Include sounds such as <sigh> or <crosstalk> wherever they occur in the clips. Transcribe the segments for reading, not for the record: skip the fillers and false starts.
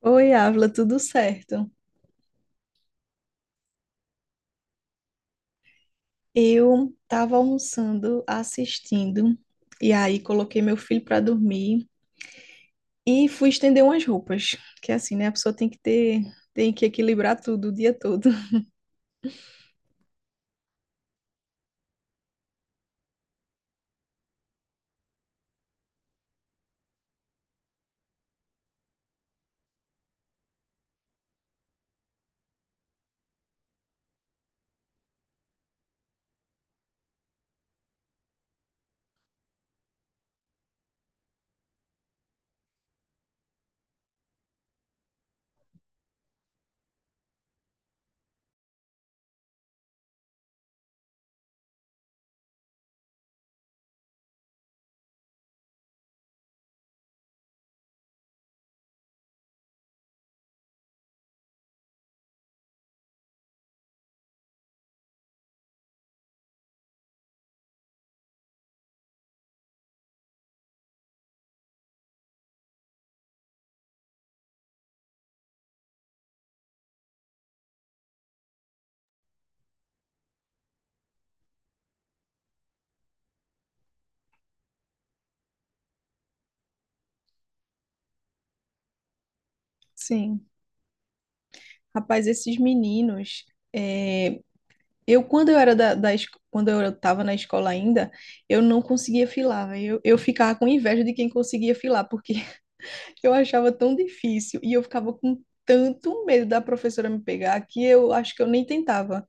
Oi, Ávila, tudo certo? Eu estava almoçando, assistindo, e aí coloquei meu filho para dormir e fui estender umas roupas, que é assim, né? A pessoa Tem que equilibrar tudo o dia todo. <laughs> Sim. Rapaz, esses meninos, é, eu quando eu era da, da es- quando eu estava na escola ainda, eu não conseguia filar, véi. Eu ficava com inveja de quem conseguia filar, porque eu achava tão difícil e eu ficava com tanto medo da professora me pegar que eu acho que eu nem tentava.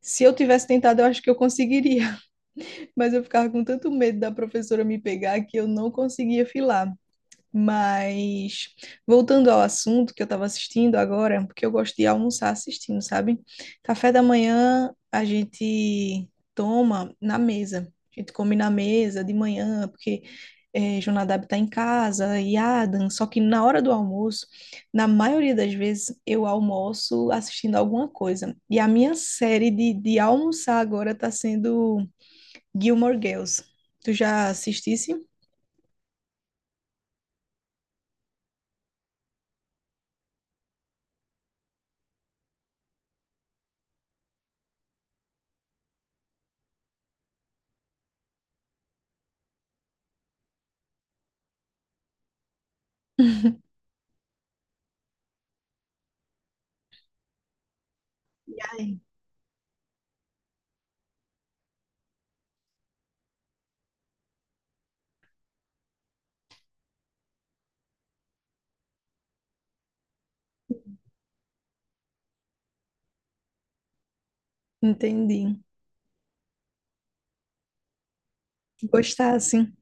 Se eu tivesse tentado, eu acho que eu conseguiria, <laughs> mas eu ficava com tanto medo da professora me pegar que eu não conseguia filar. Mas voltando ao assunto, que eu estava assistindo agora, porque eu gosto de almoçar assistindo, sabe? Café da manhã a gente toma na mesa. A gente come na mesa de manhã, porque Jonadab está em casa e Adam. Só que na hora do almoço, na maioria das vezes, eu almoço assistindo alguma coisa. E a minha série de almoçar agora está sendo Gilmore Girls. Tu já assistisse? Ai, entendi. Gostar assim?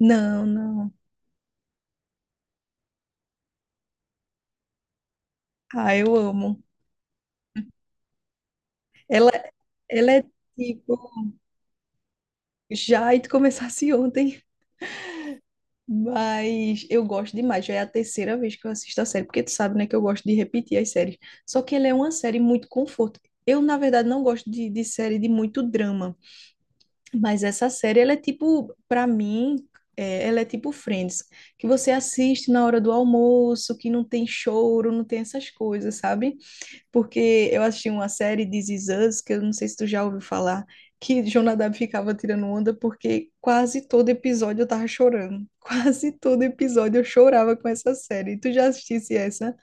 Não, não. Ah, eu amo. Ela, ela é tipo, já e tu começasse ontem, mas eu gosto demais. Já é a terceira vez que eu assisto a série, porque tu sabe, né, que eu gosto de repetir as séries. Só que ela é uma série muito conforto. Eu, na verdade, não gosto de série de muito drama, mas essa série, ela é tipo, pra mim, ela é tipo Friends, que você assiste na hora do almoço, que não tem choro, não tem essas coisas, sabe? Porque eu assisti uma série de This Is Us, que eu não sei se tu já ouviu falar, que Jonadab ficava tirando onda porque quase todo episódio eu tava chorando. <laughs> Quase todo episódio eu chorava com essa série. Tu já assistisse essa?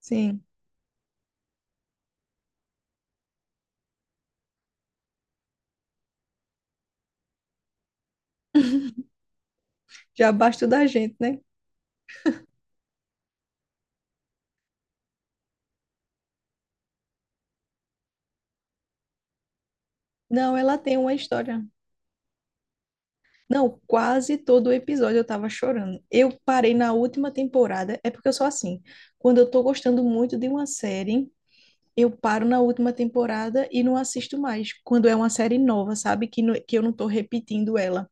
Sim. Já basta da gente, né? Não, ela tem uma história. Não, quase todo episódio eu tava chorando. Eu parei na última temporada, é porque eu sou assim. Quando eu tô gostando muito de uma série, eu paro na última temporada e não assisto mais. Quando é uma série nova, sabe? Que eu não tô repetindo ela.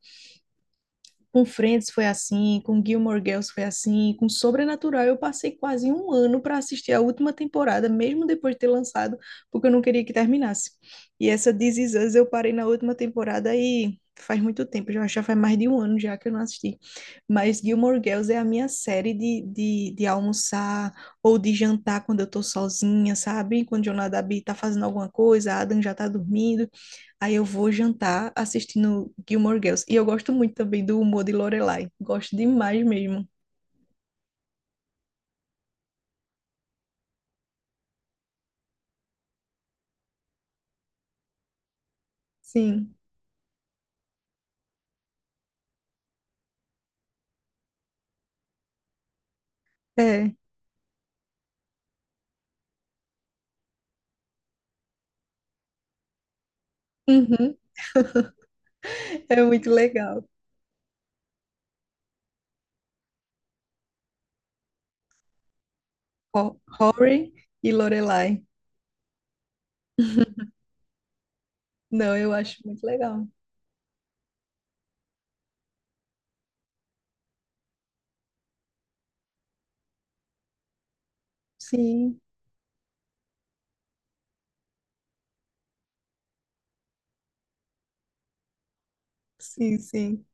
Com Friends foi assim, com Gilmore Girls foi assim, com Sobrenatural eu passei quase um ano para assistir a última temporada, mesmo depois de ter lançado, porque eu não queria que terminasse. E essa This Is Us eu parei na última temporada e faz muito tempo, já faz mais de um ano já que eu não assisti. Mas Gilmore Girls é a minha série de almoçar ou de jantar quando eu tô sozinha, sabe? Quando o Jonadabi tá fazendo alguma coisa, a Adam já tá dormindo. Aí eu vou jantar assistindo Gilmore Girls. E eu gosto muito também do humor de Lorelai. Gosto demais mesmo. Sim, é. Uhum. É muito legal. Ho- Rory e Lorelai. <laughs> Não, eu acho muito legal. Sim, sim, sim,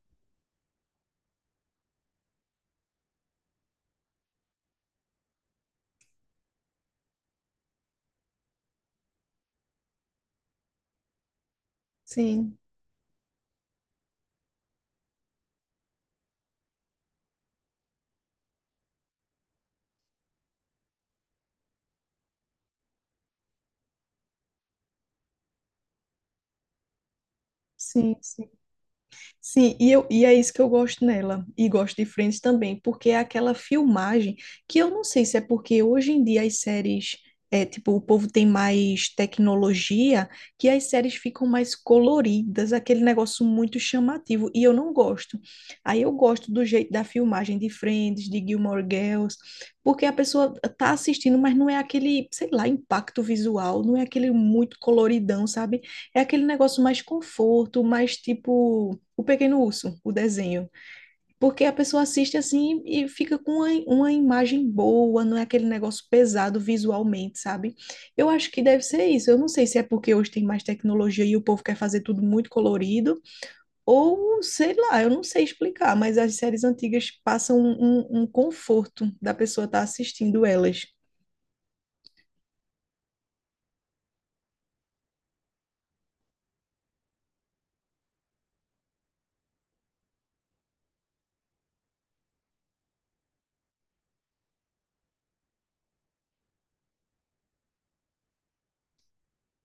sim, sim, sim. Sim, e é isso que eu gosto nela, e gosto de Friends também, porque é aquela filmagem que eu não sei se é porque hoje em dia as séries, tipo, o povo tem mais tecnologia, que as séries ficam mais coloridas, aquele negócio muito chamativo, e eu não gosto. Aí eu gosto do jeito da filmagem de Friends, de Gilmore Girls, porque a pessoa tá assistindo, mas não é aquele, sei lá, impacto visual, não é aquele muito coloridão, sabe? É aquele negócio mais conforto, mais tipo o Pequeno Urso, o desenho. Porque a pessoa assiste assim e fica com uma imagem boa, não é aquele negócio pesado visualmente, sabe? Eu acho que deve ser isso. Eu não sei se é porque hoje tem mais tecnologia e o povo quer fazer tudo muito colorido, ou sei lá, eu não sei explicar, mas as séries antigas passam um conforto da pessoa estar assistindo elas.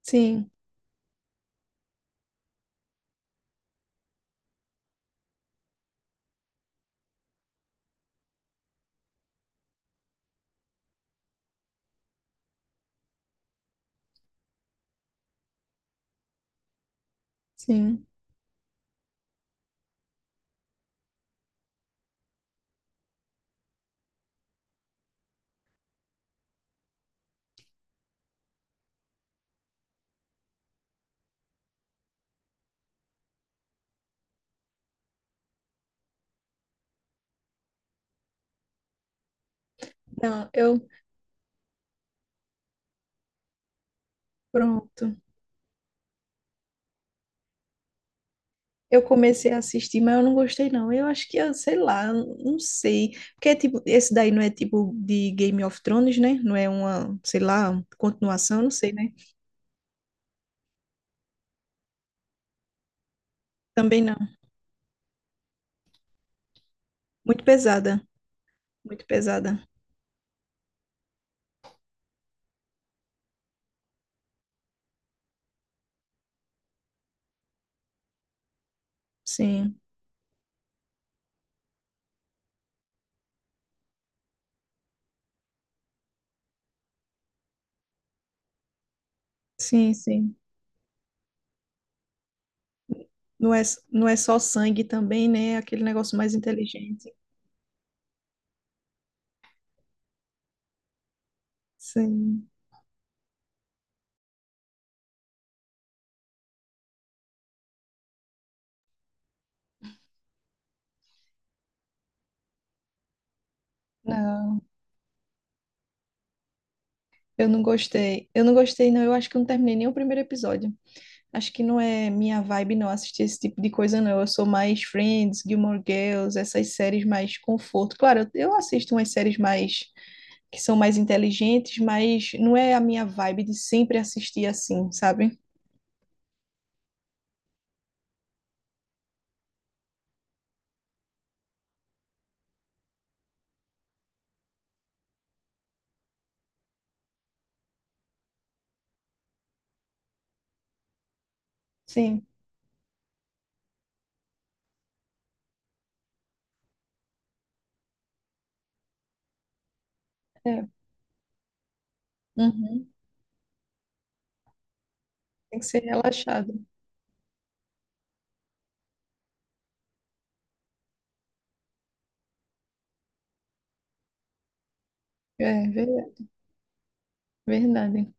Sim, sim. Não, eu. Pronto. Eu comecei a assistir, mas eu não gostei, não. Eu acho que, eu sei lá, eu não sei. Porque, é tipo, esse daí não é tipo de Game of Thrones, né? Não é uma, sei lá, continuação, não sei, né? Também não. Muito pesada, muito pesada. Sim, sim, sim. Não é, não é só sangue também, né? É aquele negócio mais inteligente. Sim. Não, eu não gostei. Eu não gostei, não. Eu acho que eu não terminei nem o primeiro episódio. Acho que não é minha vibe não assistir esse tipo de coisa não. Eu sou mais Friends, Gilmore Girls, essas séries mais conforto. Claro, eu assisto umas séries mais que são mais inteligentes, mas não é a minha vibe de sempre assistir assim, sabe? Sim, é. Uhum. Tem que ser relaxado. É ver- Verdade.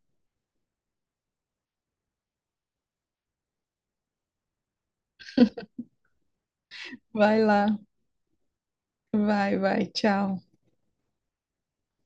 Vai lá. Vai, vai. Tchau.